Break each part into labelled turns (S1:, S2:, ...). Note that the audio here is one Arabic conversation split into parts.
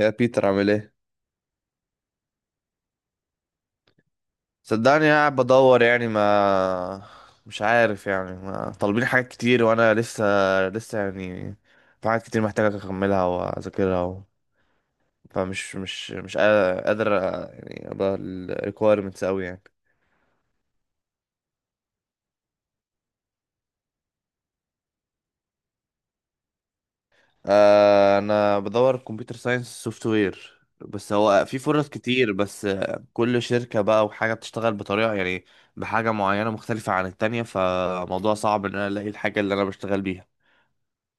S1: يا بيتر، عامل ايه؟ صدقني قاعد بدور يعني. ما مش عارف، يعني ما طالبين حاجات كتير وانا لسه لسه يعني في حاجات كتير محتاجة اكملها واذاكرها فمش مش مش قا- قادر، يعني ابقى ال requirements اوي يعني. آه انا بدور كمبيوتر ساينس سوفت وير. بس هو في فرص كتير. بس كل شركة بقى وحاجة بتشتغل بطريقة، يعني بحاجة معينة مختلفة عن التانية، فموضوع صعب ان انا الاقي الحاجة اللي انا بشتغل بيها.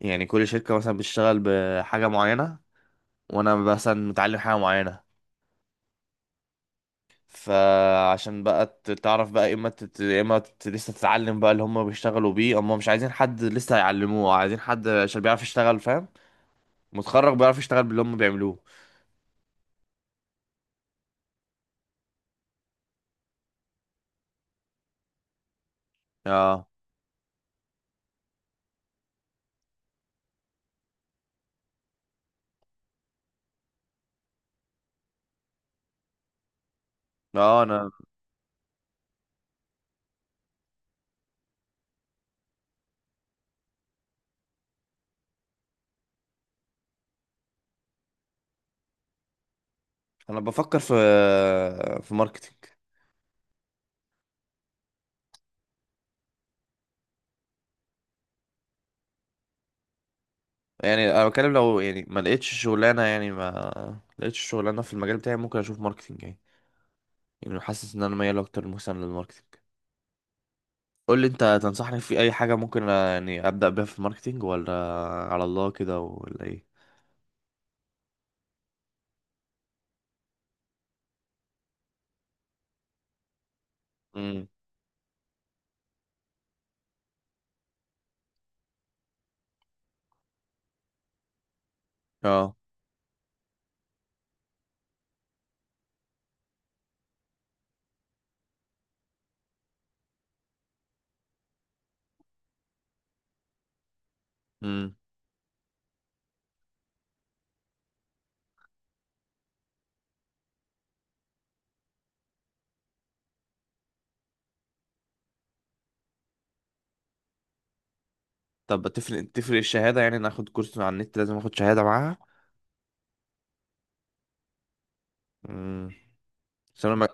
S1: يعني كل شركة مثلا بتشتغل بحاجة معينة، وأنا مثلا متعلم حاجة معينة. فعشان بقى تعرف بقى، يا إما يا إما لسه تتعلم بقى اللي هم بيشتغلوا بيه. هم مش عايزين حد لسه هيعلموه، عايزين حد عشان بيعرف يشتغل، فاهم؟ متخرج بيعرف يشتغل باللي هم بيعملوه. اه. اه. أنا بفكر في ماركتينج. يعني أنا بتكلم، لو يعني ما لقيتش شغلانة، يعني ما لقيتش شغلانة في المجال بتاعي، ممكن أشوف ماركتينج يعني. يعني حاسس إن أنا ميال أكتر مثلا للماركتينج. قول لي انت، تنصحني في اي حاجه ممكن، يعني ابدا بيها في الماركتينج، ولا على الله كده، ولا ايه؟ امم اه. امم طب، تفرق الشهاده؟ يعني ناخد كورس على النت، لازم اخد شهاده معاها؟ امم بس انا ما...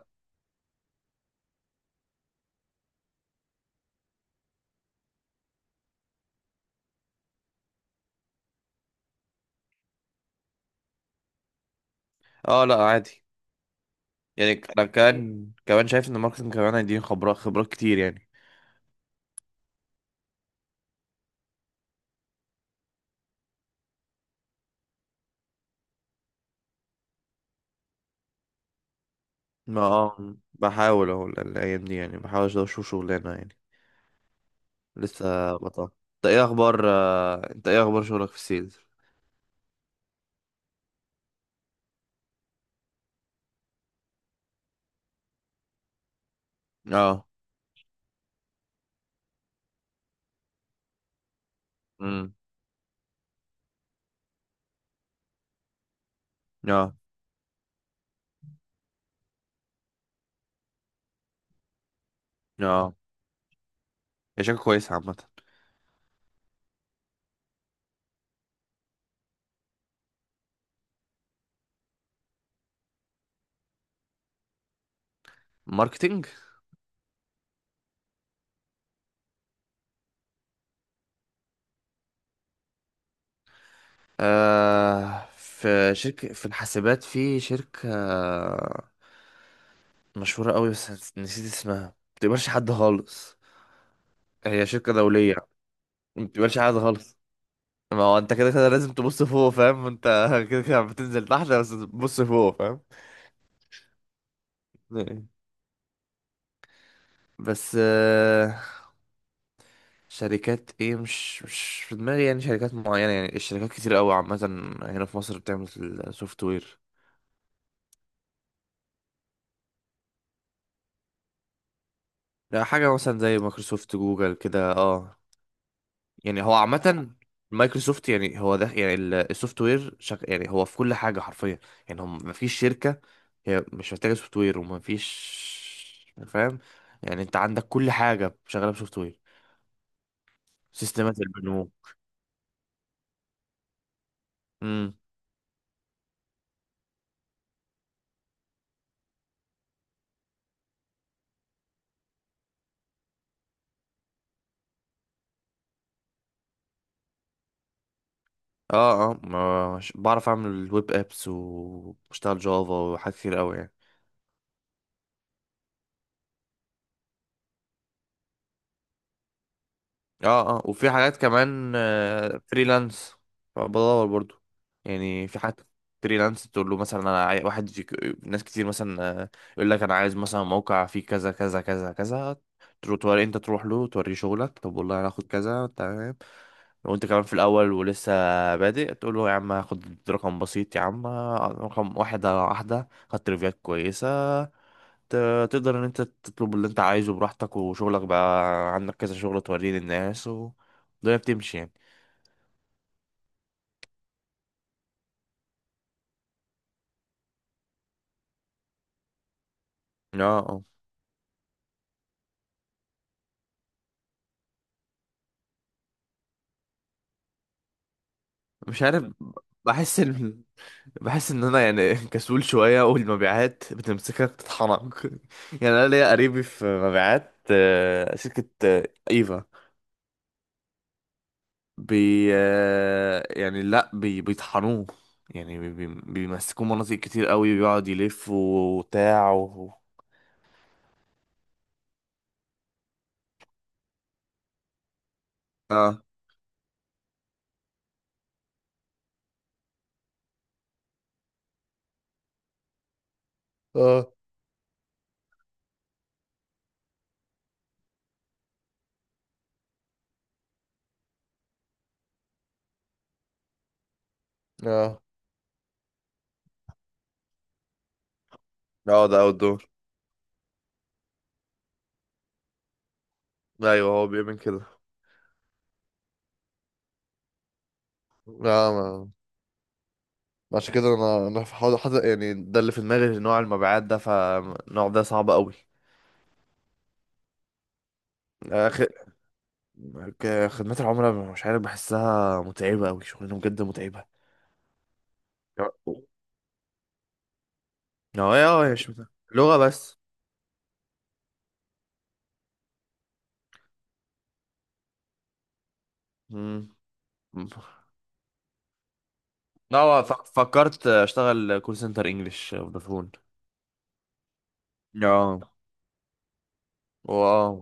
S1: اه، لا عادي. يعني انا كان كمان شايف ان الماركتينج كمان هيديني خبرات خبرات كتير يعني. ما بحاول اهو الايام دي يعني بحاول اشوف شغلانه يعني. لسه بطل. انت ايه اخبار؟ انت ايه اخبار شغلك في السيلز؟ اه. امم اه. اه، هي شركه كويسه عامه؟ ماركتينج. آه في شركة، في الحاسبات، في شركة مشهورة قوي، بس نسيت اسمها، ما بتقبلش حد خالص. هي شركة دولية. ما بتقبلش حد خالص. ما هو انت كده كده لازم تبص فوق، فاهم انت؟ كده كده بتنزل تحت بس تبص فوق. فاهم. بس شركات ايه؟ مش في دماغي يعني شركات معينة، يعني الشركات كتير قوي عامة هنا في مصر بتعمل سوفت وير. لا، حاجة مثلا زي مايكروسوفت، جوجل كده اه. يعني هو عامة، مايكروسوفت يعني هو ده، يعني السوفت وير يعني هو في كل حاجة حرفيا. يعني هم مفيش شركة هي مش محتاجة سوفت وير، ومفيش، فاهم؟ يعني انت عندك كل حاجة شغالة بسوفت وير. سيستمات البنوك. امم اه. اه، بعرف اعمل الويب ابس، وبشتغل جافا، وحاجات كتير قوي يعني. اه. اه وفي حاجات كمان فريلانس. فبدور برضو يعني في حاجات فريلانس. تقول له مثلا، انا واحد ناس كتير مثلا، يقول لك انا عايز مثلا موقع فيه كذا كذا كذا كذا. ترو توري، انت تروح له توريه شغلك، طب والله انا هاخد كذا، تمام. لو انت كمان في الاول ولسه بادئ، تقول له يا عم هاخد رقم بسيط يا عم. رقم واحدة واحدة، خدت ريفيوهات كويسة، تقدر ان انت تطلب اللي انت عايزه براحتك، وشغلك بقى عندك كذا شغل، توريه للناس، والدنيا بتمشي يعني. اه. اه مش عارف، بحس ان بحس ان انا يعني كسول شويه، والمبيعات بتمسكك تطحنك. يعني انا ليا قريبي في مبيعات، شركه ايفا بي. يعني لا، بيطحنوه. يعني بيمسكوه مناطق كتير قوي، بيقعد يلف وبتاع اه. اه. اه. اه ده اوت. ايوه هو بيؤمن كده. لا ما. عشان كده انا حاضر حاضر يعني، ده اللي في دماغي، نوع المبيعات ده، فالنوع ده صعب قوي. أخ... خدمات العملاء مش عارف، بحسها متعبة أوي، شغلانة بجد متعبة. اه. اه، هي مش متعبة، لغة بس. مم. لا، هو فكرت أشتغل كول سنتر إنجلش فودافون. اه. واو.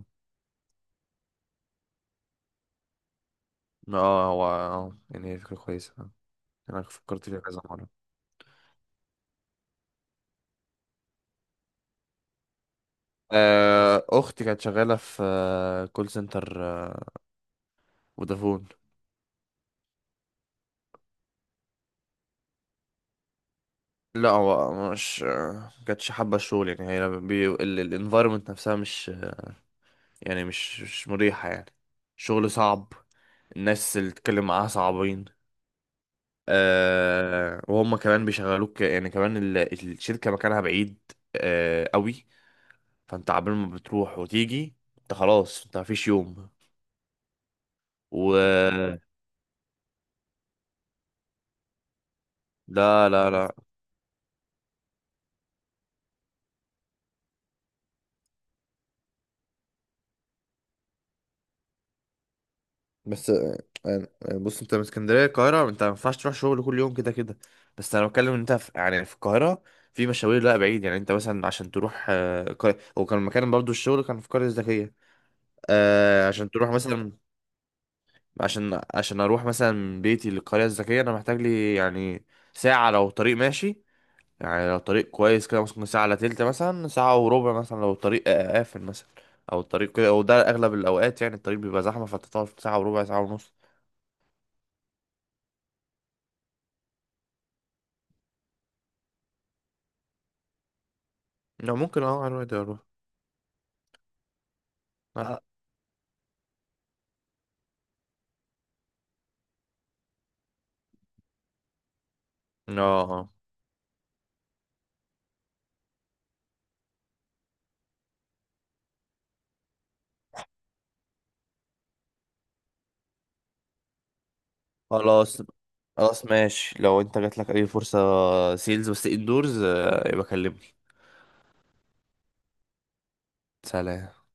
S1: اه هو اه، يعني هي فكرة كويسة، أنا فكرت فيها كذا مرة. أختي كانت شغالة في كول سنتر فودافون. لا هو مش، ما كانتش حابة الشغل يعني، هي الانفايرمنت نفسها مش، يعني مش مريحة يعني. شغل صعب. الناس اللي تتكلم معاها صعبين. وهم كمان بيشغلوك يعني، كمان الشركة مكانها بعيد قوي. فانت عبال ما بتروح وتيجي انت خلاص، انت مفيش يوم. و. لا لا لا. بس آه، بص انت من اسكندريه، القاهره انت ما ينفعش تروح شغل كل يوم كده كده. بس انا بتكلم ان انت في، يعني في القاهره، في مشاوير لا بعيد يعني. انت مثلا عشان تروح هو كان مكان برضو الشغل، كان في القريه الذكيه. عشان تروح مثلا، عشان عشان اروح مثلا من بيتي للقريه الذكيه، انا محتاج لي يعني ساعه لو طريق ماشي. يعني لو طريق كويس كده ممكن ساعة الا تلت مثلا، ساعة وربع مثلا، لو الطريق قافل مثلا او الطريق كده، وده اغلب الاوقات يعني، الطريق بيبقى زحمه فتطول في ساعه وربع، ساعة ونص. لو ممكن اه على الواد اروح. اه. اه. خلاص. خلاص ماشي، لو انت جات لك اي فرصة سيلز بس اندورز، يبقى كلمني. سلام.